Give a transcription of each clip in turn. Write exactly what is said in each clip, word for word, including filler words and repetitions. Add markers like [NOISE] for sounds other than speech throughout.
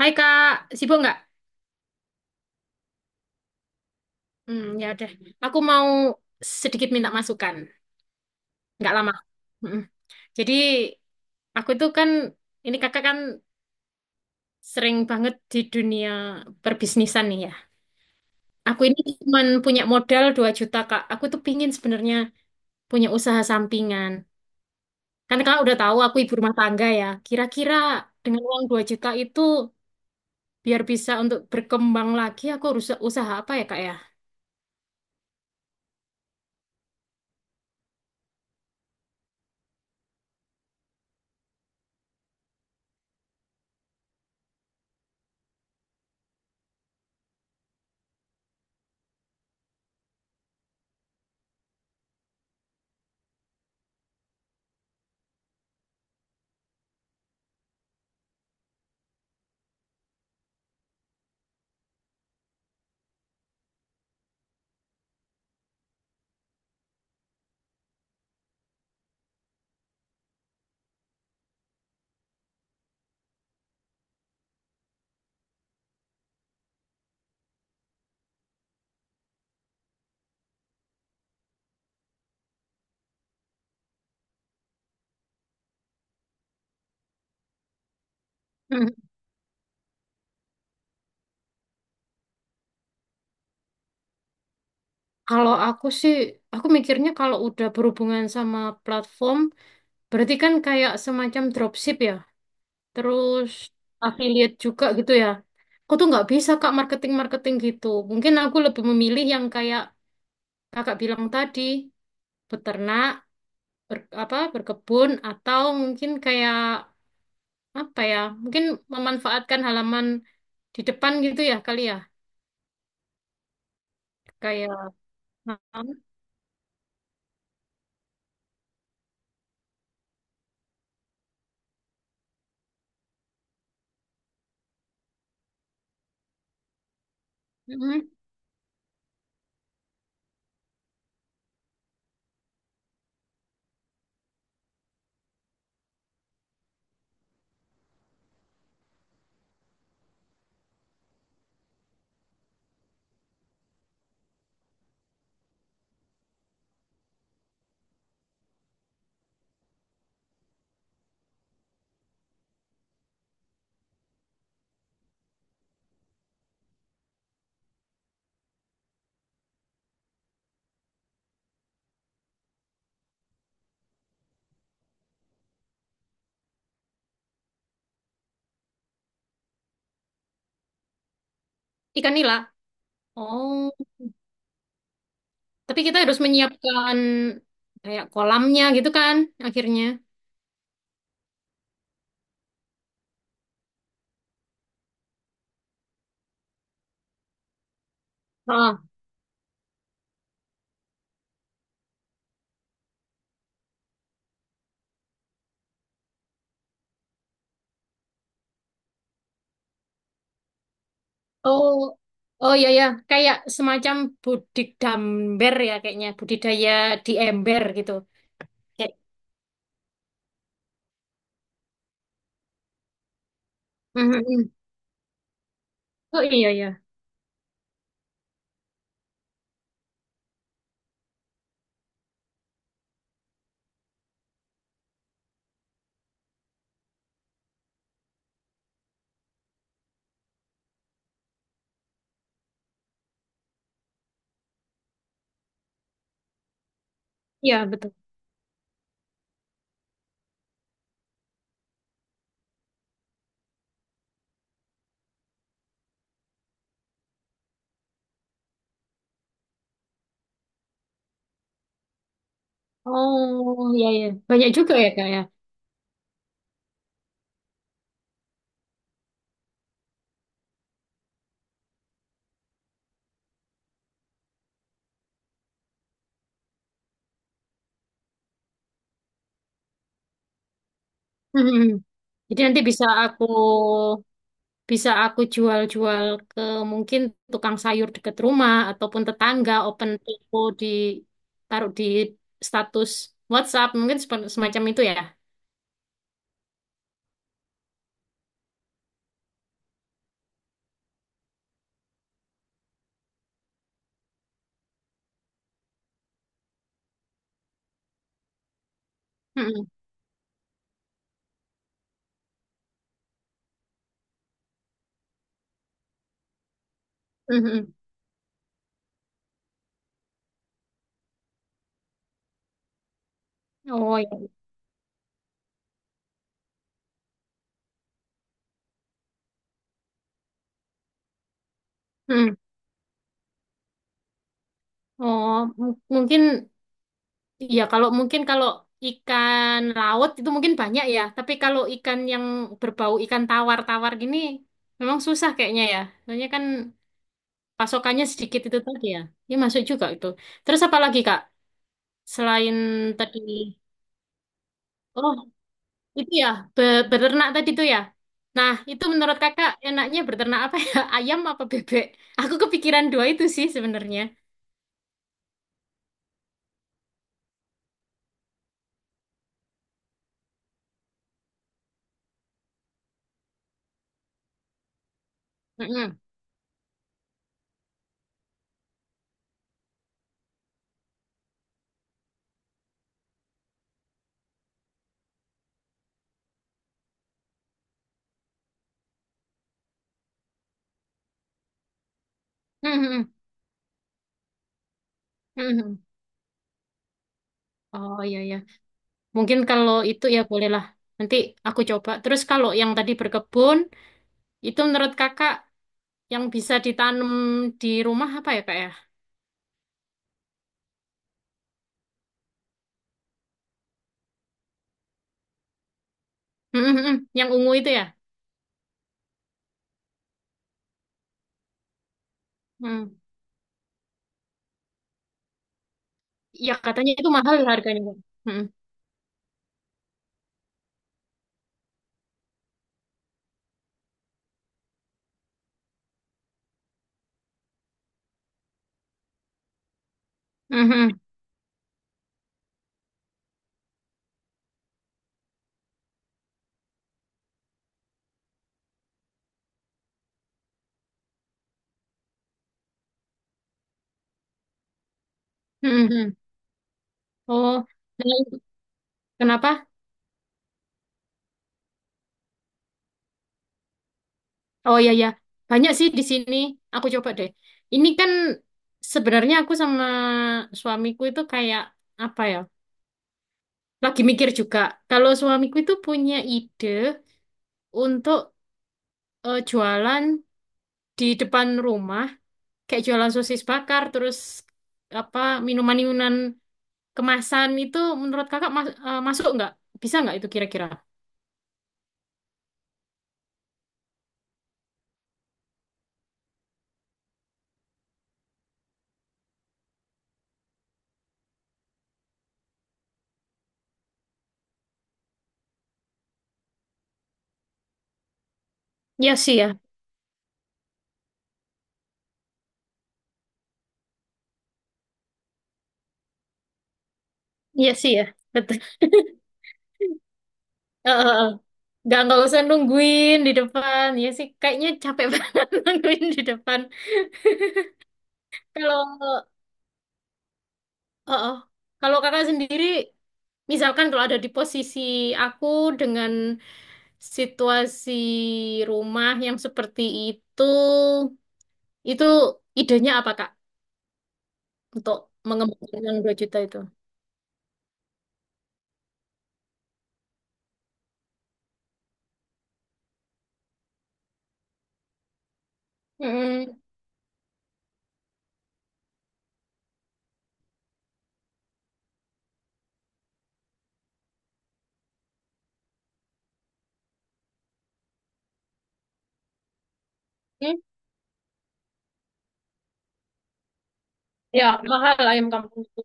Hai Kak, sibuk nggak? Hmm, ya udah. Aku mau sedikit minta masukan. Nggak lama. Mm-mm. Jadi aku tuh kan, ini kakak kan sering banget di dunia perbisnisan nih ya. Aku ini cuma punya modal dua juta, Kak. Aku tuh pingin sebenarnya punya usaha sampingan. Kan kakak udah tahu aku ibu rumah tangga ya. Kira-kira dengan uang dua juta itu biar bisa untuk berkembang lagi aku harus usaha apa ya Kak ya? Hmm. Kalau aku sih, aku mikirnya kalau udah berhubungan sama platform, berarti kan kayak semacam dropship ya, terus affiliate juga gitu ya. Aku tuh nggak bisa kak marketing-marketing gitu. Mungkin aku lebih memilih yang kayak kakak bilang tadi, beternak, ber- apa, berkebun, atau mungkin kayak apa ya, mungkin memanfaatkan halaman di depan gitu ya kali ya, kayak. Mm-mm. Ikan nila. Oh. Tapi kita harus menyiapkan kayak kolamnya gitu kan akhirnya. Ah. Oh, oh ya ya, kayak semacam budik damber ya kayaknya budidaya di ember gitu. Kayak. Mhm. Oh iya ya. Iya betul. Oh iya ya banyak juga ya kak ya. Mhm. Jadi nanti bisa aku. Bisa aku jual-jual ke mungkin tukang sayur dekat rumah ataupun tetangga, open toko di taruh di status WhatsApp, mungkin sepe- semacam itu ya. Mm-mm. Mm-mm. Oh ya. Mm. Oh, m- mungkin ya kalau mungkin kalau ikan laut itu mungkin banyak ya, tapi kalau ikan yang berbau ikan tawar-tawar gini memang susah kayaknya ya. Soalnya kan pasokannya sedikit itu tadi ya. Ini masuk juga itu. Terus apa lagi, Kak? Selain tadi. Oh, itu ya, be- beternak tadi tuh ya. Nah, itu menurut kakak enaknya beternak apa ya? [LAUGHS] Ayam apa bebek? Aku kepikiran dua itu sih sebenarnya. Mm-mm. Mm-mm. Mm-mm. Oh iya iya. Mungkin kalau itu ya bolehlah. Nanti aku coba. Terus kalau yang tadi berkebun, itu menurut kakak yang bisa ditanam di rumah apa ya kak ya? Mm-mm. Yang ungu itu ya? Mm. Ya katanya itu mahal harganya, Kak. Mm-mm. Mm-mm. Mm-mm. Oh, nah, kenapa? Oh iya ya, banyak sih di sini. Aku coba deh. Ini kan sebenarnya aku sama suamiku itu kayak apa ya? Lagi mikir juga. Kalau suamiku itu punya ide untuk eh, jualan di depan rumah, kayak jualan sosis bakar, terus apa minuman-minuman kemasan itu menurut kakak mas- eh, masuk nggak? Bisa nggak itu kira-kira? Iya sih ya, iya sih ya, betul. [LAUGHS] Heeh. Nggak, nggak usah nungguin di depan. Ya sih, kayaknya capek [LAUGHS] banget nungguin di depan. Kalau, oh, oh. Kalau kakak sendiri, misalkan kalau ada di posisi aku dengan situasi rumah yang seperti itu, itu idenya apa, Kak? Untuk mengembangkan yang 2 juta itu. Mm-mm. Hmm? Ya, mahal ayam kampung itu.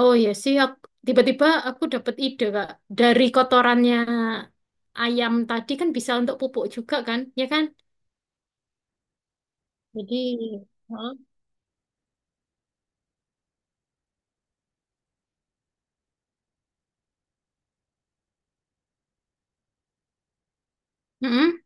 Oh iya sih, aku- tiba-tiba aku dapat ide, Kak. Dari kotorannya ayam tadi kan bisa untuk pupuk juga kan, ya kan? Jadi, heeh. Mm-mm.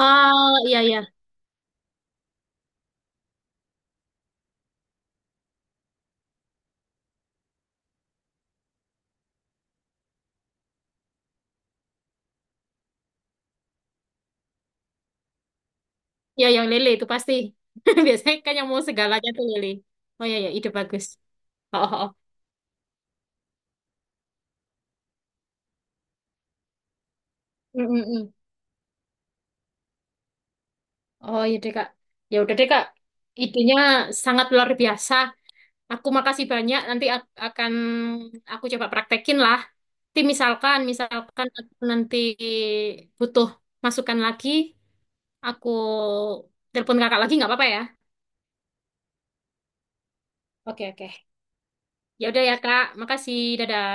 Oh iya iya, iya yang lele itu pasti. [LAUGHS] Biasanya kan yang mau segalanya tuh lele. Oh iya iya, ide bagus. Oh, oh, oh. Mm-mm-mm. Oh iya deh Kak. Ya udah deh Kak. Idenya sangat luar biasa. Aku makasih banyak. Nanti ak- akan aku coba praktekin lah. Nanti misalkan, misalkan aku nanti butuh masukan lagi, aku telepon kakak lagi nggak apa-apa ya? Oke, oke. Ya udah ya Kak, makasih. Dadah.